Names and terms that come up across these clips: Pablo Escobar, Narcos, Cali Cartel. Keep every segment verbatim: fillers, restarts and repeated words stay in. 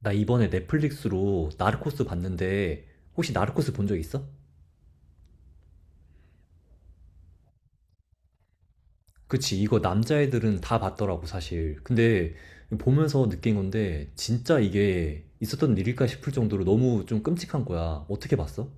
나 이번에 넷플릭스로 나르코스 봤는데 혹시 나르코스 본 적 있어? 그치, 이거 남자애들은 다 봤더라고, 사실. 근데 보면서 느낀 건데 진짜 이게 있었던 일일까 싶을 정도로 너무 좀 끔찍한 거야. 어떻게 봤어?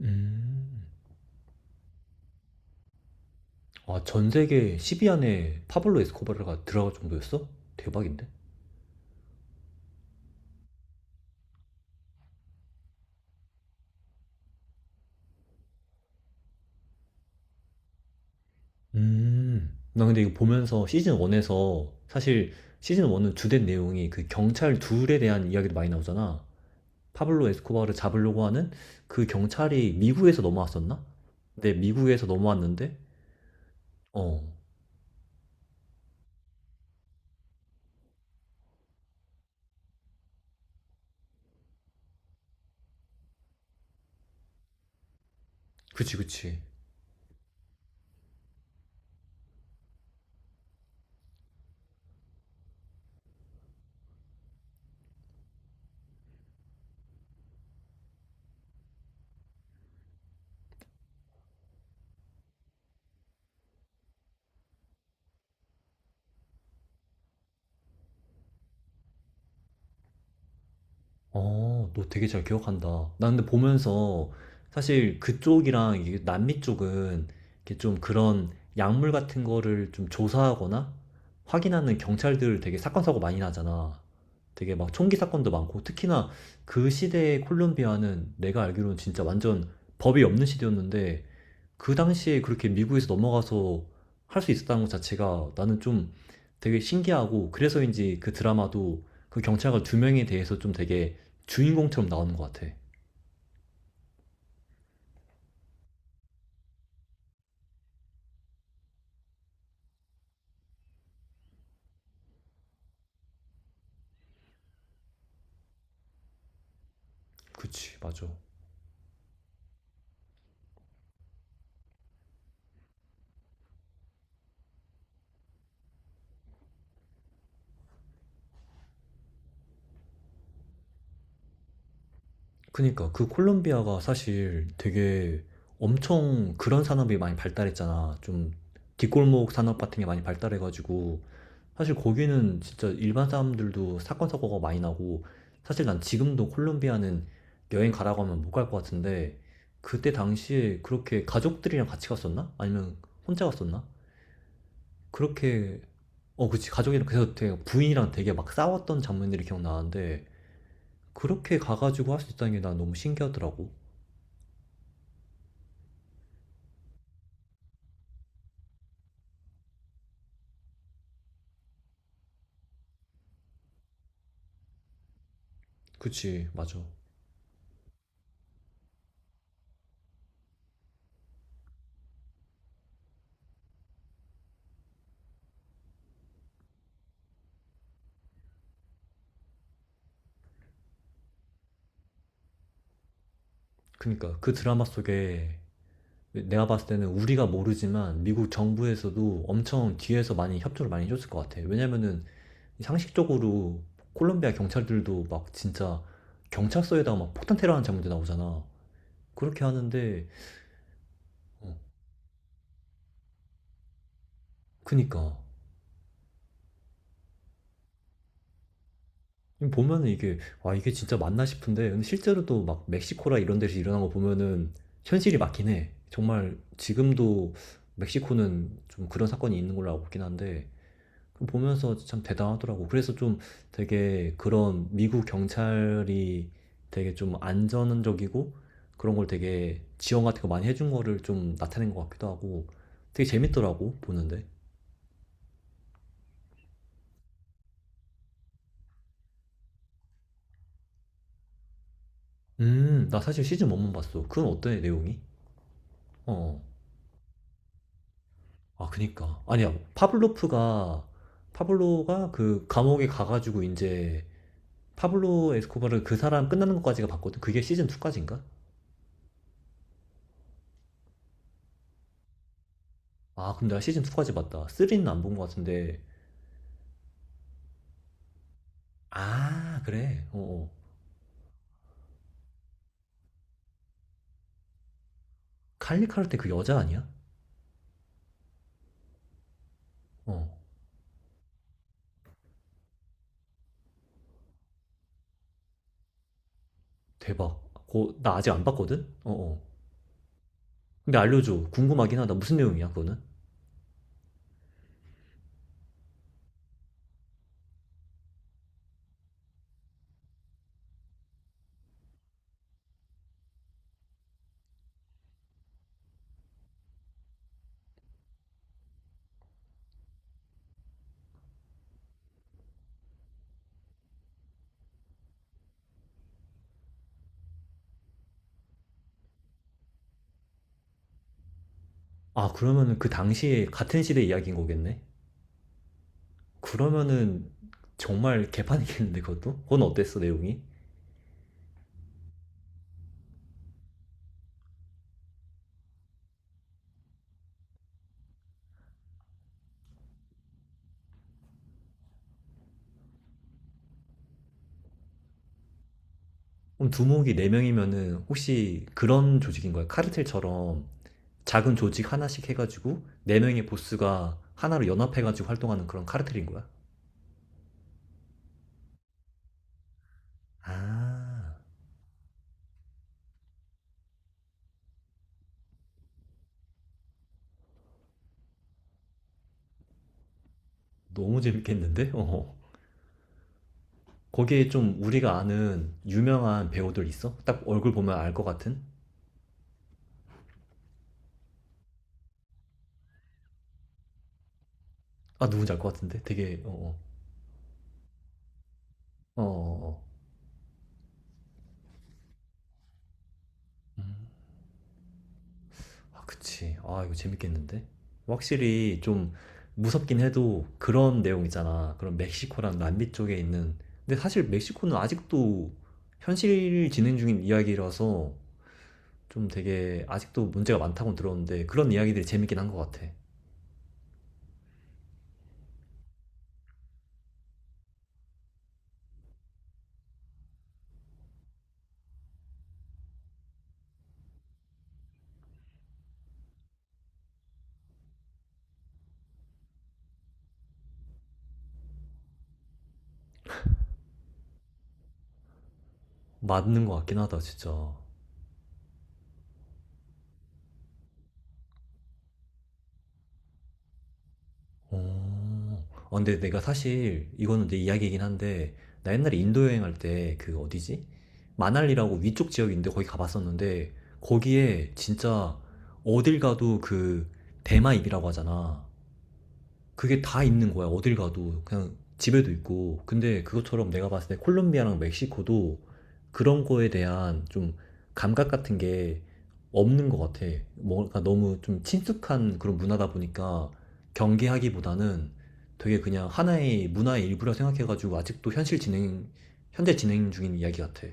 음, 아, 전 세계 십 위 안에 파블로 에스코바르가 들어갈 정도였어? 대박인데? 음, 나 근데 이거 보면서 시즌 일에서 사실 시즌 일은 주된 내용이 그 경찰 둘에 대한 이야기도 많이 나오잖아. 파블로 에스코바를 잡으려고 하는 그 경찰이 미국에서 넘어왔었나? 근데 미국에서 넘어왔는데, 어, 그치, 그치. 어, 너 되게 잘 기억한다. 나 근데 보면서 사실 그쪽이랑 이게 남미 쪽은 이렇게 좀 그런 약물 같은 거를 좀 조사하거나 확인하는 경찰들 되게 사건 사고 많이 나잖아. 되게 막 총기 사건도 많고 특히나 그 시대의 콜롬비아는 내가 알기로는 진짜 완전 법이 없는 시대였는데, 그 당시에 그렇게 미국에서 넘어가서 할 수 있었다는 것 자체가 나는 좀 되게 신기하고, 그래서인지 그 드라마도 그 경찰관 두 명에 대해서 좀 되게 주인공처럼 나오는 것 같아. 그치, 맞아. 그니까 그 콜롬비아가 사실 되게 엄청 그런 산업이 많이 발달했잖아. 좀 뒷골목 산업 같은 게 많이 발달해가지고 사실 거기는 진짜 일반 사람들도 사건 사고가 많이 나고, 사실 난 지금도 콜롬비아는 여행 가라고 하면 못 갈 것 같은데 그때 당시에 그렇게 가족들이랑 같이 갔었나? 아니면 혼자 갔었나? 그렇게 어 그치 가족이랑, 그래서 되게 부인이랑 되게 막 싸웠던 장면들이 기억나는데 그렇게 가가지고 할 수 있다는 게 난 너무 신기하더라고. 그치 맞아. 그니까 그 드라마 속에 내가 봤을 때는 우리가 모르지만 미국 정부에서도 엄청 뒤에서 많이 협조를 많이 해줬을 것 같아. 왜냐면은 상식적으로 콜롬비아 경찰들도 막 진짜 경찰서에다가 막 폭탄 테러하는 장면도 나오잖아. 그렇게 하는데, 어, 그니까. 보면은 이게, 와, 이게 진짜 맞나 싶은데, 근데 실제로 도 막 멕시코라 이런 데서 일어난 거 보면은 현실이 맞긴 해. 정말 지금도 멕시코는 좀 그런 사건이 있는 걸로 알고 있긴 한데, 보면서 참 대단하더라고. 그래서 좀 되게 그런 미국 경찰이 되게 좀 안전적이고 그런 걸 되게 지원 같은 거 많이 해준 거를 좀 나타낸 것 같기도 하고 되게 재밌더라고, 보는데. 음, 나 사실 시즌 일만 봤어. 그건 어때, 내용이? 어. 아, 그니까. 아니야, 파블로프가, 파블로가 그 감옥에 가가지고 이제 파블로 에스코바르 그 사람 끝나는 것까지가 봤거든. 그게 시즌 이까지인가? 아, 근데 나 시즌 이까지 봤다. 삼은 안 본 것 같은데. 아, 그래. 어, 어. 칼리 카르테 그 여자 아니야? 어, 대박. 고, 나 아직 안 봤거든? 어, 어. 근데 알려줘. 궁금하긴 하다. 무슨 내용이야, 그거는? 아, 그러면은 그 당시에 같은 시대 이야기인 거겠네? 그러면은 정말 개판이겠는데, 그것도? 그건 어땠어, 내용이? 그럼 두목이 네 명이면은 혹시 그런 조직인 거야? 카르텔처럼 작은 조직 하나씩 해가지고 네 명의 보스가 하나로 연합해가지고 활동하는 그런 카르텔인 거야? 아, 너무 재밌겠는데? 어. 거기에 좀 우리가 아는 유명한 배우들 있어? 딱 얼굴 보면 알 것 같은? 아, 누군지 알 것 같은데? 되게, 어, 어, 어, 어, 어. 아, 그치. 아, 이거 재밌겠는데? 확실히 좀 무섭긴 해도 그런 내용 있잖아. 그런 멕시코랑 남미 쪽에 있는. 근데 사실 멕시코는 아직도 현실 진행 중인 이야기라서 좀 되게 아직도 문제가 많다고 들었는데 그런 이야기들이 재밌긴 한 것 같아. 맞는 것 같긴 하다, 진짜. 어. 아 근데 내가 사실 이거는 내 이야기이긴 한데 나 옛날에 인도 여행할 때 그 어디지? 마날리라고 위쪽 지역인데 거기 가봤었는데 거기에 진짜 어딜 가도 그 대마입이라고 하잖아. 그게 다 있는 거야. 어딜 가도 그냥 집에도 있고. 근데 그것처럼 내가 봤을 때 콜롬비아랑 멕시코도 그런 거에 대한 좀 감각 같은 게 없는 것 같아. 뭔가 너무 좀 친숙한 그런 문화다 보니까 경계하기보다는 되게 그냥 하나의 문화의 일부라 생각해가지고 아직도 현실 진행, 현재 진행 중인 이야기 같아.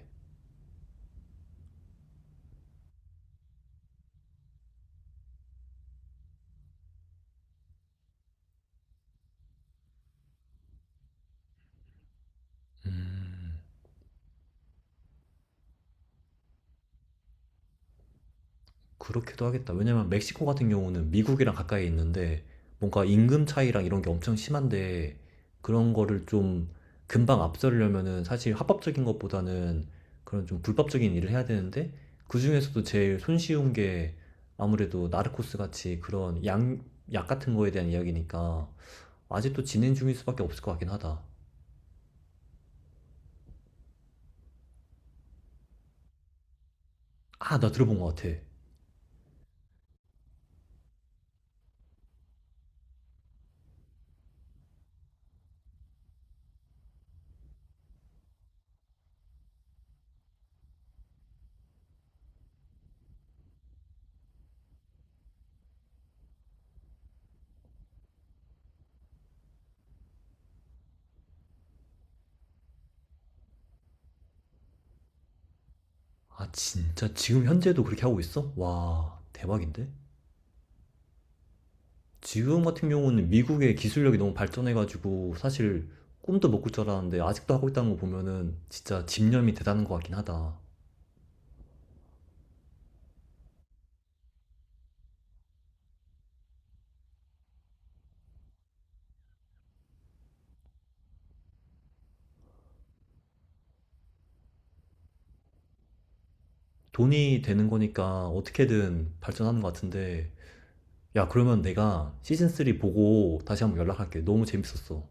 음. 그렇기도 하겠다. 왜냐면 멕시코 같은 경우는 미국이랑 가까이 있는데 뭔가 임금 차이랑 이런 게 엄청 심한데 그런 거를 좀 금방 앞서려면은 사실 합법적인 것보다는 그런 좀 불법적인 일을 해야 되는데 그중에서도 제일 손쉬운 게 아무래도 나르코스 같이 그런 양, 약 같은 거에 대한 이야기니까 아직도 진행 중일 수밖에 없을 것 같긴 하다. 아, 나 들어본 것 같아. 아, 진짜 지금 현재도 그렇게 하고 있어? 와, 대박인데? 지금 같은 경우는 미국의 기술력이 너무 발전해가지고 사실 꿈도 못 꿀 줄 알았는데 아직도 하고 있다는 거 보면은 진짜 집념이 대단한 것 같긴 하다. 돈이 되는 거니까 어떻게든 발전하는 것 같은데, 야 그러면 내가 시즌삼 보고 다시 한번 연락할게. 너무 재밌었어.